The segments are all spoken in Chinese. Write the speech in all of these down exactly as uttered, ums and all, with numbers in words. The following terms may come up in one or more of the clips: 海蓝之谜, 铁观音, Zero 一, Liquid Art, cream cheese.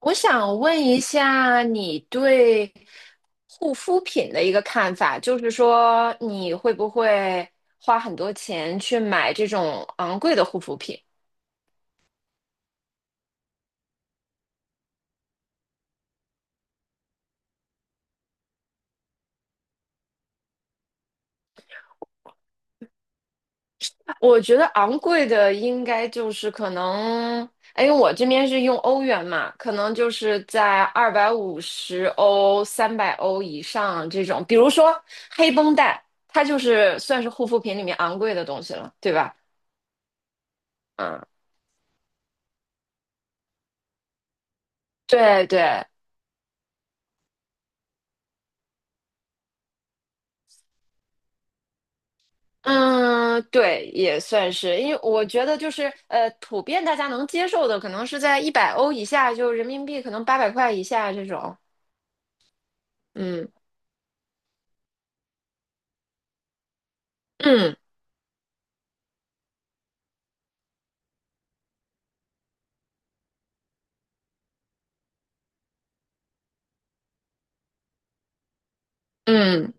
我想问一下你对护肤品的一个看法，就是说你会不会花很多钱去买这种昂贵的护肤品？我觉得昂贵的应该就是可能，哎，因为我这边是用欧元嘛，可能就是在二百五十欧、三百欧以上这种，比如说黑绷带，它就是算是护肤品里面昂贵的东西了，对吧？嗯，对对。嗯，对，也算是，因为我觉得就是呃，普遍大家能接受的，可能是在一百欧以下，就人民币可能八百块以下这种。嗯嗯嗯，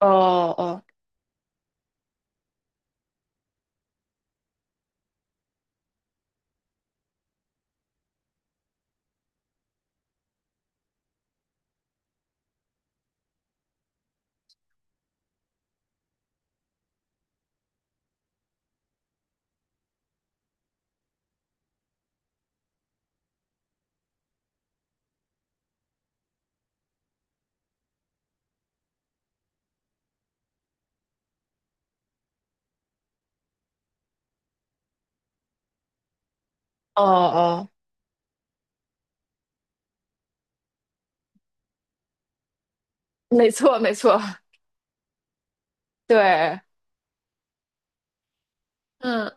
哦哦哦哦，没错没错，对，嗯。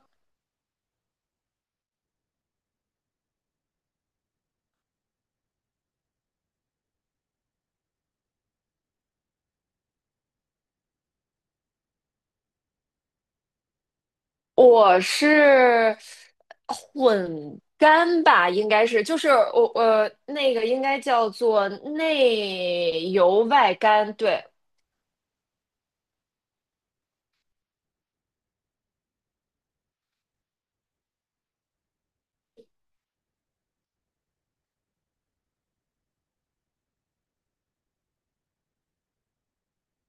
我是混干吧，应该是，就是我呃那个应该叫做内油外干，对。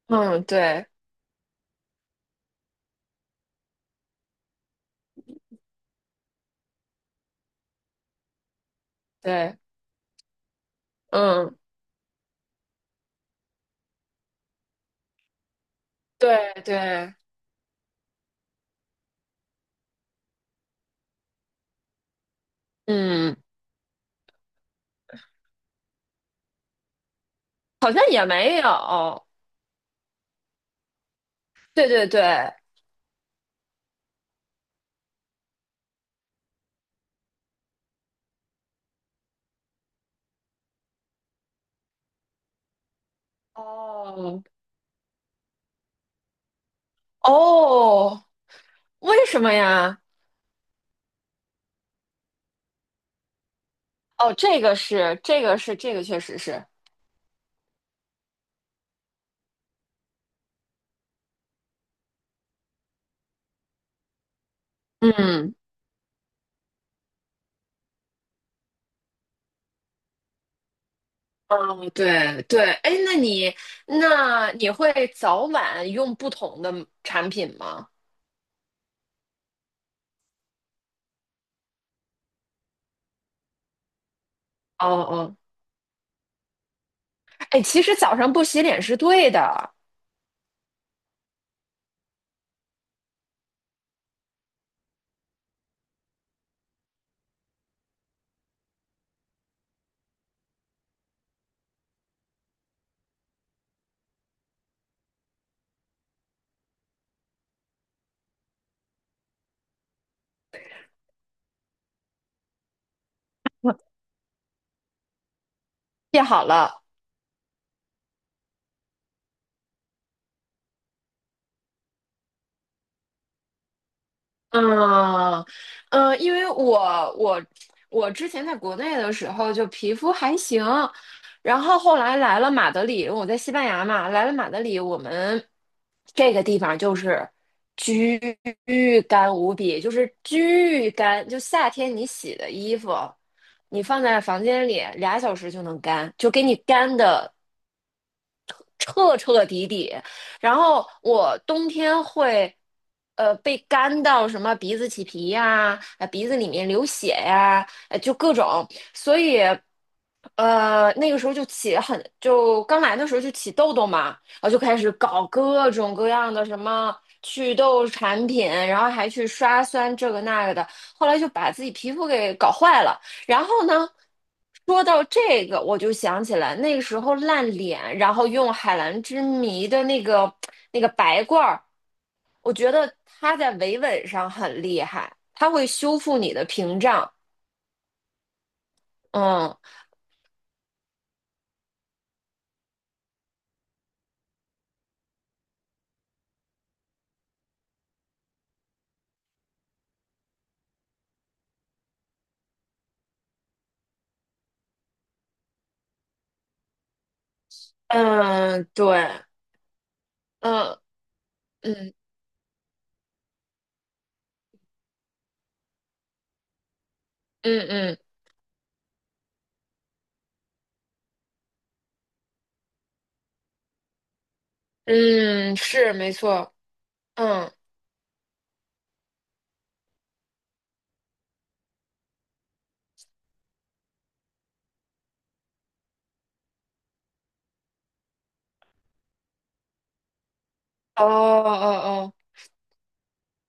嗯对对，嗯对对。嗯，好像也没有。对对对，哦，哦，为什么呀？哦，这个是，这个是，这个确实是。嗯，哦，对对，哎，那你那你会早晚用不同的产品吗？哦哦，哎，其实早上不洗脸是对的，记好了。嗯，嗯，因为我我我之前在国内的时候就皮肤还行，然后后来来了马德里，我在西班牙嘛，来了马德里，我们这个地方就是巨干无比，就是巨干，就夏天你洗的衣服，你放在房间里俩小时就能干，就给你干的彻彻底底。然后我冬天会，呃，被干到什么鼻子起皮呀，呃，鼻子里面流血呀，呃，就各种，所以，呃，那个时候就起很，就刚来的时候就起痘痘嘛，然后就开始搞各种各样的什么祛痘产品，然后还去刷酸这个那个的，后来就把自己皮肤给搞坏了，然后呢，说到这个，我就想起来那个时候烂脸，然后用海蓝之谜的那个那个白罐儿，我觉得它在维稳上很厉害，它会修复你的屏障。嗯嗯，对，嗯嗯嗯嗯嗯，是没错。嗯，哦哦哦，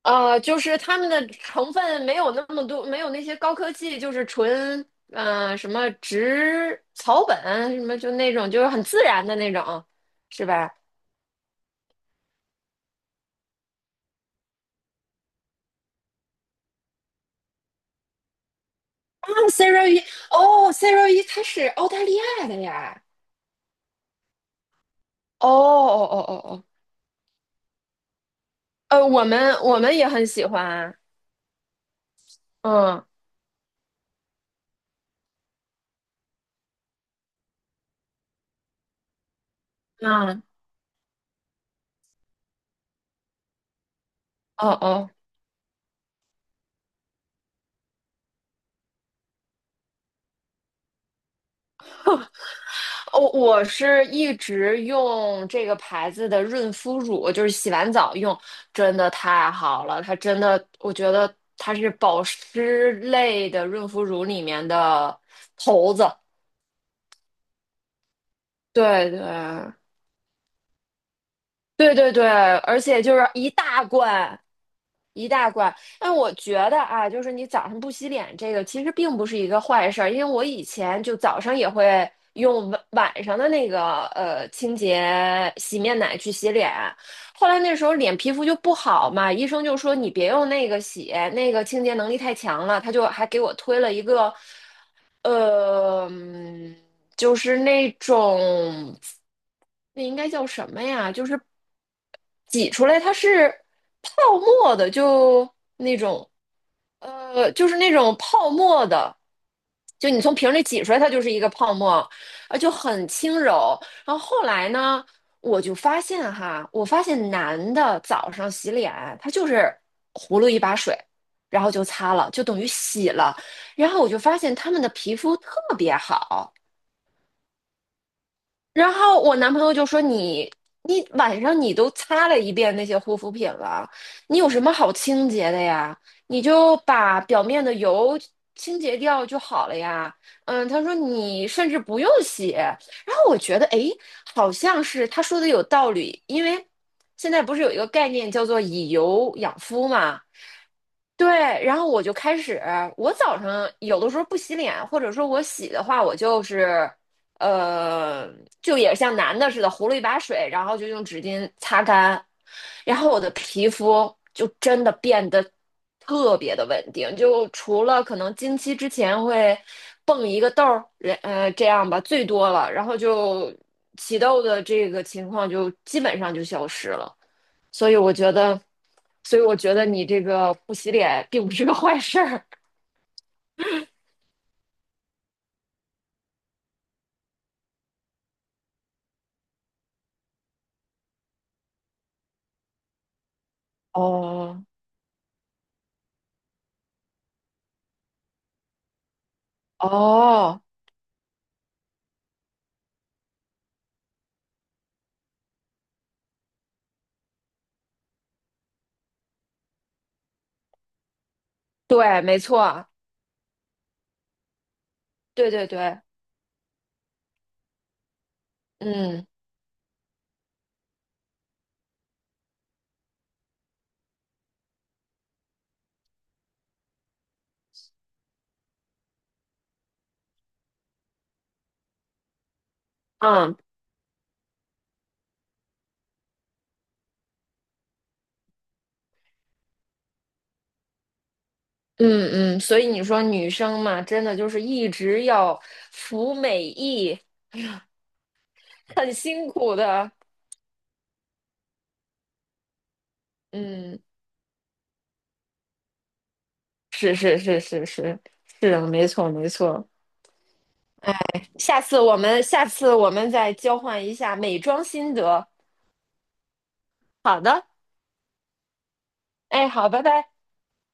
呃，就是他们的成分没有那么多，没有那些高科技，就是纯呃什么植草本什么就那种，就是很自然的那种，是吧？啊，Zero 一，哦，Zero 一，它是澳大利亚的呀。哦哦哦哦哦，呃，我们我们也很喜欢，嗯，嗯，哦哦。哦，我是一直用这个牌子的润肤乳，就是洗完澡用，真的太好了。它真的，我觉得它是保湿类的润肤乳里面的头子。对对对对对，而且就是一大罐，一大罐。但我觉得啊，就是你早上不洗脸这个其实并不是一个坏事儿，因为我以前就早上也会用晚晚上的那个呃清洁洗面奶去洗脸，后来那时候脸皮肤就不好嘛，医生就说你别用那个洗，那个清洁能力太强了，他就还给我推了一个，呃，嗯就是那种。那应该叫什么呀？就是挤出来，它是泡沫的，就那种，呃，就是那种泡沫的，就你从瓶里挤出来，它就是一个泡沫，啊，就很轻柔。然后后来呢，我就发现哈，我发现男的早上洗脸，他就是葫芦一把水，然后就擦了，就等于洗了。然后我就发现他们的皮肤特别好。然后我男朋友就说你你晚上你都擦了一遍那些护肤品了，你有什么好清洁的呀？你就把表面的油清洁掉就好了呀。嗯，他说你甚至不用洗。然后我觉得诶，好像是他说的有道理，因为现在不是有一个概念叫做以油养肤嘛。对，然后我就开始，我早上有的时候不洗脸，或者说我洗的话，我就是。呃，就也像男的似的，糊了一把水，然后就用纸巾擦干，然后我的皮肤就真的变得特别的稳定，就除了可能经期之前会蹦一个痘儿，呃这样吧，最多了，然后就起痘的这个情况就基本上就消失了，所以我觉得，所以我觉得你这个不洗脸并不是个坏事儿。哦哦，对，没错，对对对，嗯。嗯嗯嗯，所以你说女生嘛，真的就是一直要服美役，很辛苦的。嗯，是是是是是，是的，没错没错。下次我们下次我们再交换一下美妆心得。好的，哎，好，拜拜。